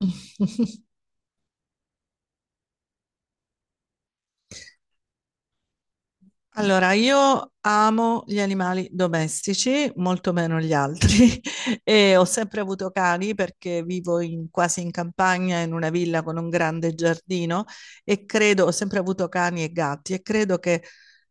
Allora, io amo gli animali domestici, molto meno gli altri, e ho sempre avuto cani perché quasi in campagna, in una villa con un grande giardino e ho sempre avuto cani e gatti e credo che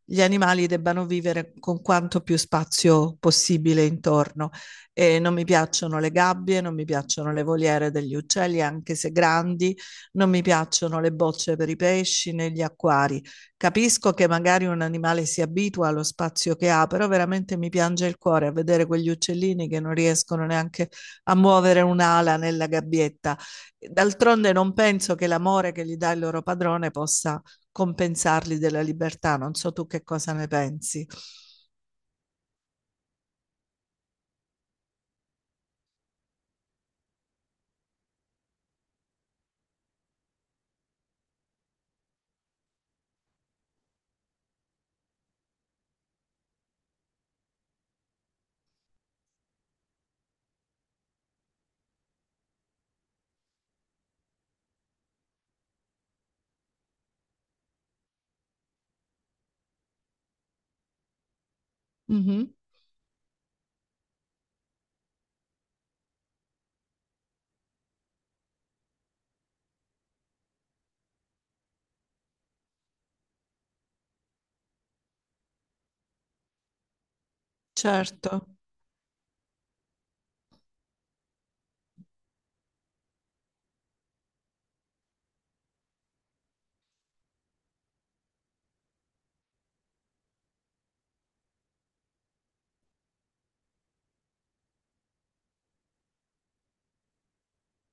gli animali debbano vivere con quanto più spazio possibile intorno. E non mi piacciono le gabbie, non mi piacciono le voliere degli uccelli, anche se grandi, non mi piacciono le bocce per i pesci né gli acquari. Capisco che magari un animale si abitua allo spazio che ha, però veramente mi piange il cuore a vedere quegli uccellini che non riescono neanche a muovere un'ala nella gabbietta. D'altronde non penso che l'amore che gli dà il loro padrone possa compensarli della libertà. Non so tu che cosa ne pensi. Mhm, certo.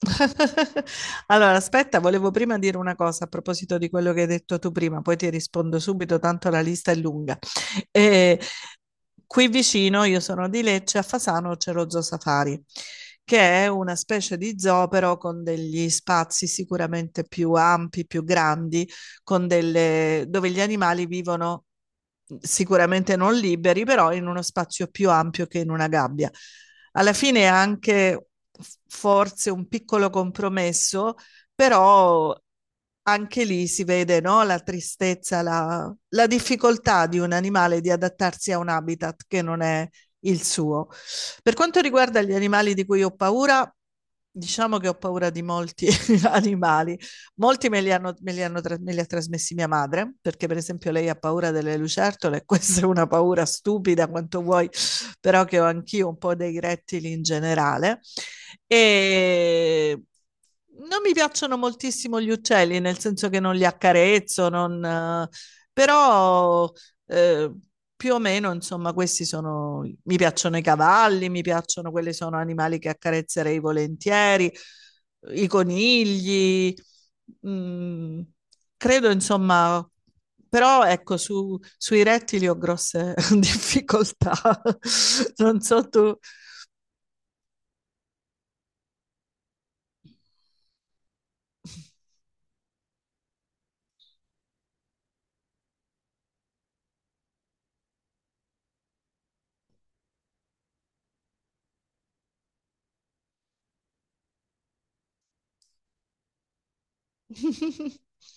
Allora, aspetta, volevo prima dire una cosa a proposito di quello che hai detto tu prima, poi ti rispondo subito, tanto la lista è lunga. Eh, Qui vicino, io sono di Lecce, a Fasano c'è lo Zoo Safari, che è una specie di zoo però con degli spazi sicuramente più ampi, più grandi, con delle... dove gli animali vivono sicuramente non liberi, però in uno spazio più ampio che in una gabbia. Alla fine è anche forse un piccolo compromesso, però anche lì si vede, no, la tristezza, la difficoltà di un animale di adattarsi a un habitat che non è il suo. Per quanto riguarda gli animali di cui ho paura, diciamo che ho paura di molti animali. Molti me li, hanno, me, li hanno, Me li ha trasmessi mia madre, perché per esempio lei ha paura delle lucertole, questa è una paura stupida quanto vuoi, però che ho anch'io un po' dei rettili in generale. E non mi piacciono moltissimo gli uccelli, nel senso che non li accarezzo, non, però eh, più o meno, insomma, questi sono, mi piacciono i cavalli, mi piacciono quelli sono animali che accarezzerei volentieri, i conigli, mm, credo, insomma, però ecco, sui rettili ho grosse difficoltà. Non so tu.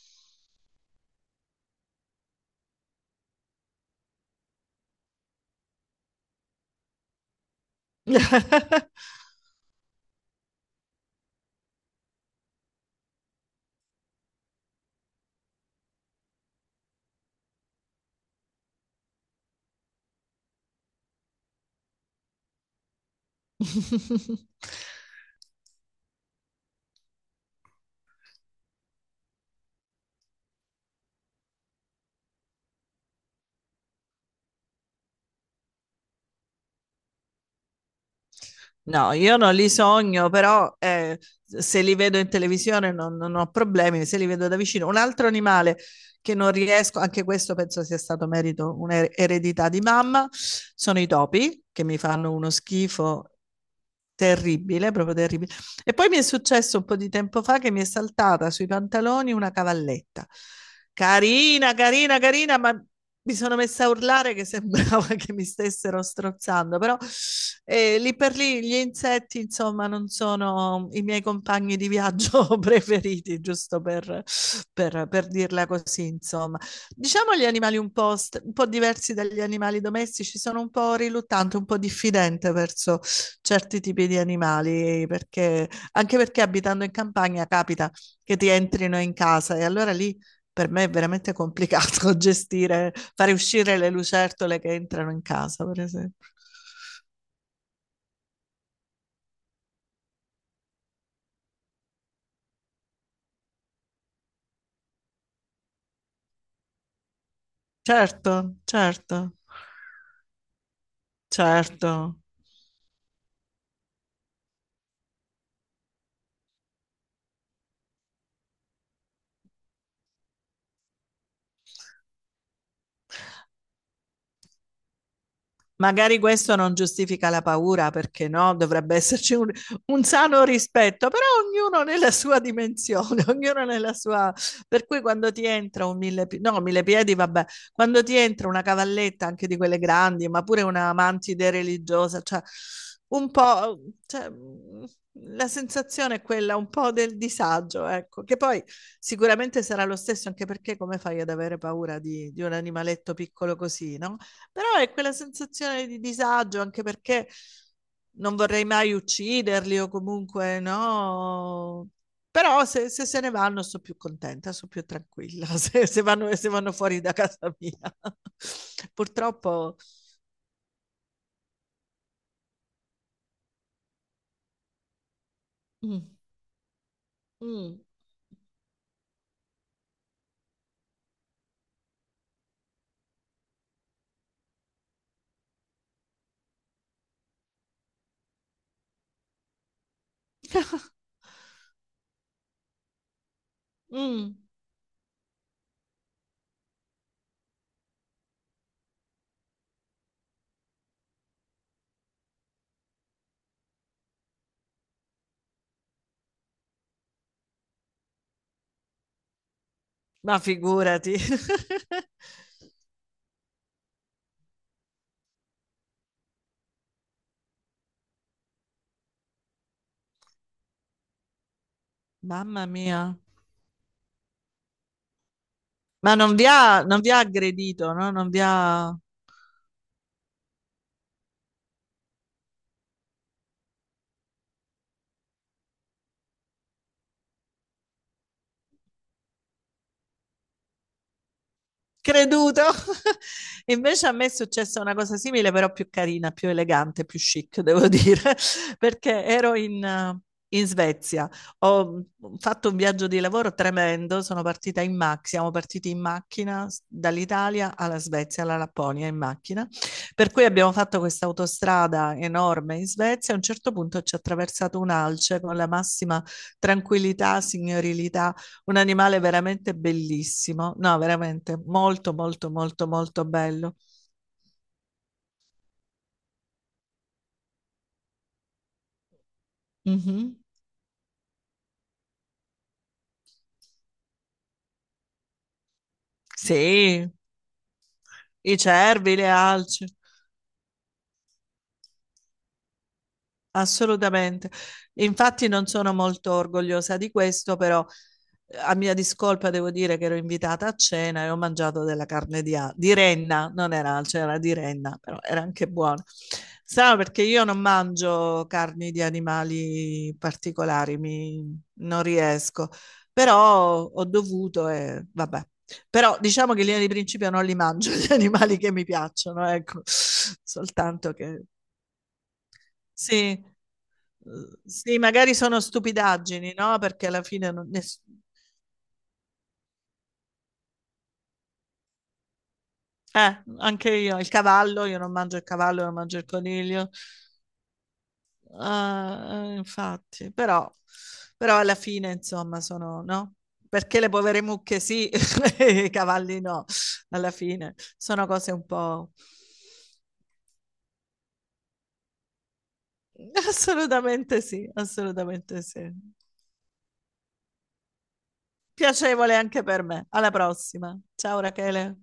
No, io non li sogno, però se li vedo in televisione non, non ho problemi, se li vedo da vicino. Un altro animale che non riesco, anche questo penso sia stato merito, un'eredità di mamma, sono i topi, che mi fanno uno schifo terribile, proprio terribile. E poi mi è successo un po' di tempo fa che mi è saltata sui pantaloni una cavalletta. Carina, carina, carina, ma mi sono messa a urlare che sembrava che mi stessero strozzando, però lì per lì gli insetti, insomma, non sono i miei compagni di viaggio preferiti, giusto per, per dirla così, insomma. Diciamo gli animali un po', un po' diversi dagli animali domestici, sono un po' riluttante, un po' diffidente verso certi tipi di animali, perché, anche perché abitando in campagna capita che ti entrino in casa e allora lì per me è veramente complicato gestire, fare uscire le lucertole che entrano in casa, per esempio. Certo, certo, certo. Magari questo non giustifica la paura, perché no, dovrebbe esserci un sano rispetto, però ognuno nella sua dimensione, ognuno nella sua... Per cui quando ti entra un mille piedi, no, mille piedi, vabbè, quando ti entra una cavalletta anche di quelle grandi, ma pure una mantide religiosa, cioè un po'... Cioè, la sensazione è quella un po' del disagio, ecco, che poi sicuramente sarà lo stesso, anche perché come fai ad avere paura di un animaletto piccolo così, no? Però è quella sensazione di disagio, anche perché non vorrei mai ucciderli o comunque no. Però se, se se ne vanno sono più contenta, sono più tranquilla, se, se vanno fuori da casa mia. Purtroppo... Mm, mm. Mm. Ma figurati. Mamma mia. Ma non vi ha, non vi ha aggredito, no? Non vi ha... creduto. Invece a me è successa una cosa simile, però più carina, più elegante, più chic, devo dire, perché ero in, in Svezia. Ho fatto un viaggio di lavoro tremendo, sono partita in macchina, siamo partiti in macchina dall'Italia alla Svezia, alla Lapponia in macchina, per cui abbiamo fatto questa autostrada enorme in Svezia, a un certo punto ci ha attraversato un alce con la massima tranquillità, signorilità un animale veramente bellissimo. No, veramente molto, molto, molto, molto bello. Mhm. Sì, i cervi, le alci. Assolutamente. Infatti non sono molto orgogliosa di questo, però a mia discolpa devo dire che ero invitata a cena e ho mangiato della carne di renna, non era alce, era di renna, però era anche buona. Strano perché io non mangio carni di animali particolari, non riesco, però ho dovuto e vabbè. Però diciamo che in linea di principio non li mangio gli animali che mi piacciono, ecco, soltanto che sì. Sì, magari sono stupidaggini, no? Perché alla fine anche io, il cavallo, io non mangio il cavallo, non mangio il coniglio. Ah, infatti, però, però alla fine, insomma, sono, no? Perché le povere mucche sì, e i cavalli no, alla fine. Sono cose un po'... Assolutamente sì, assolutamente sì. Piacevole anche per me. Alla prossima. Ciao Rachele.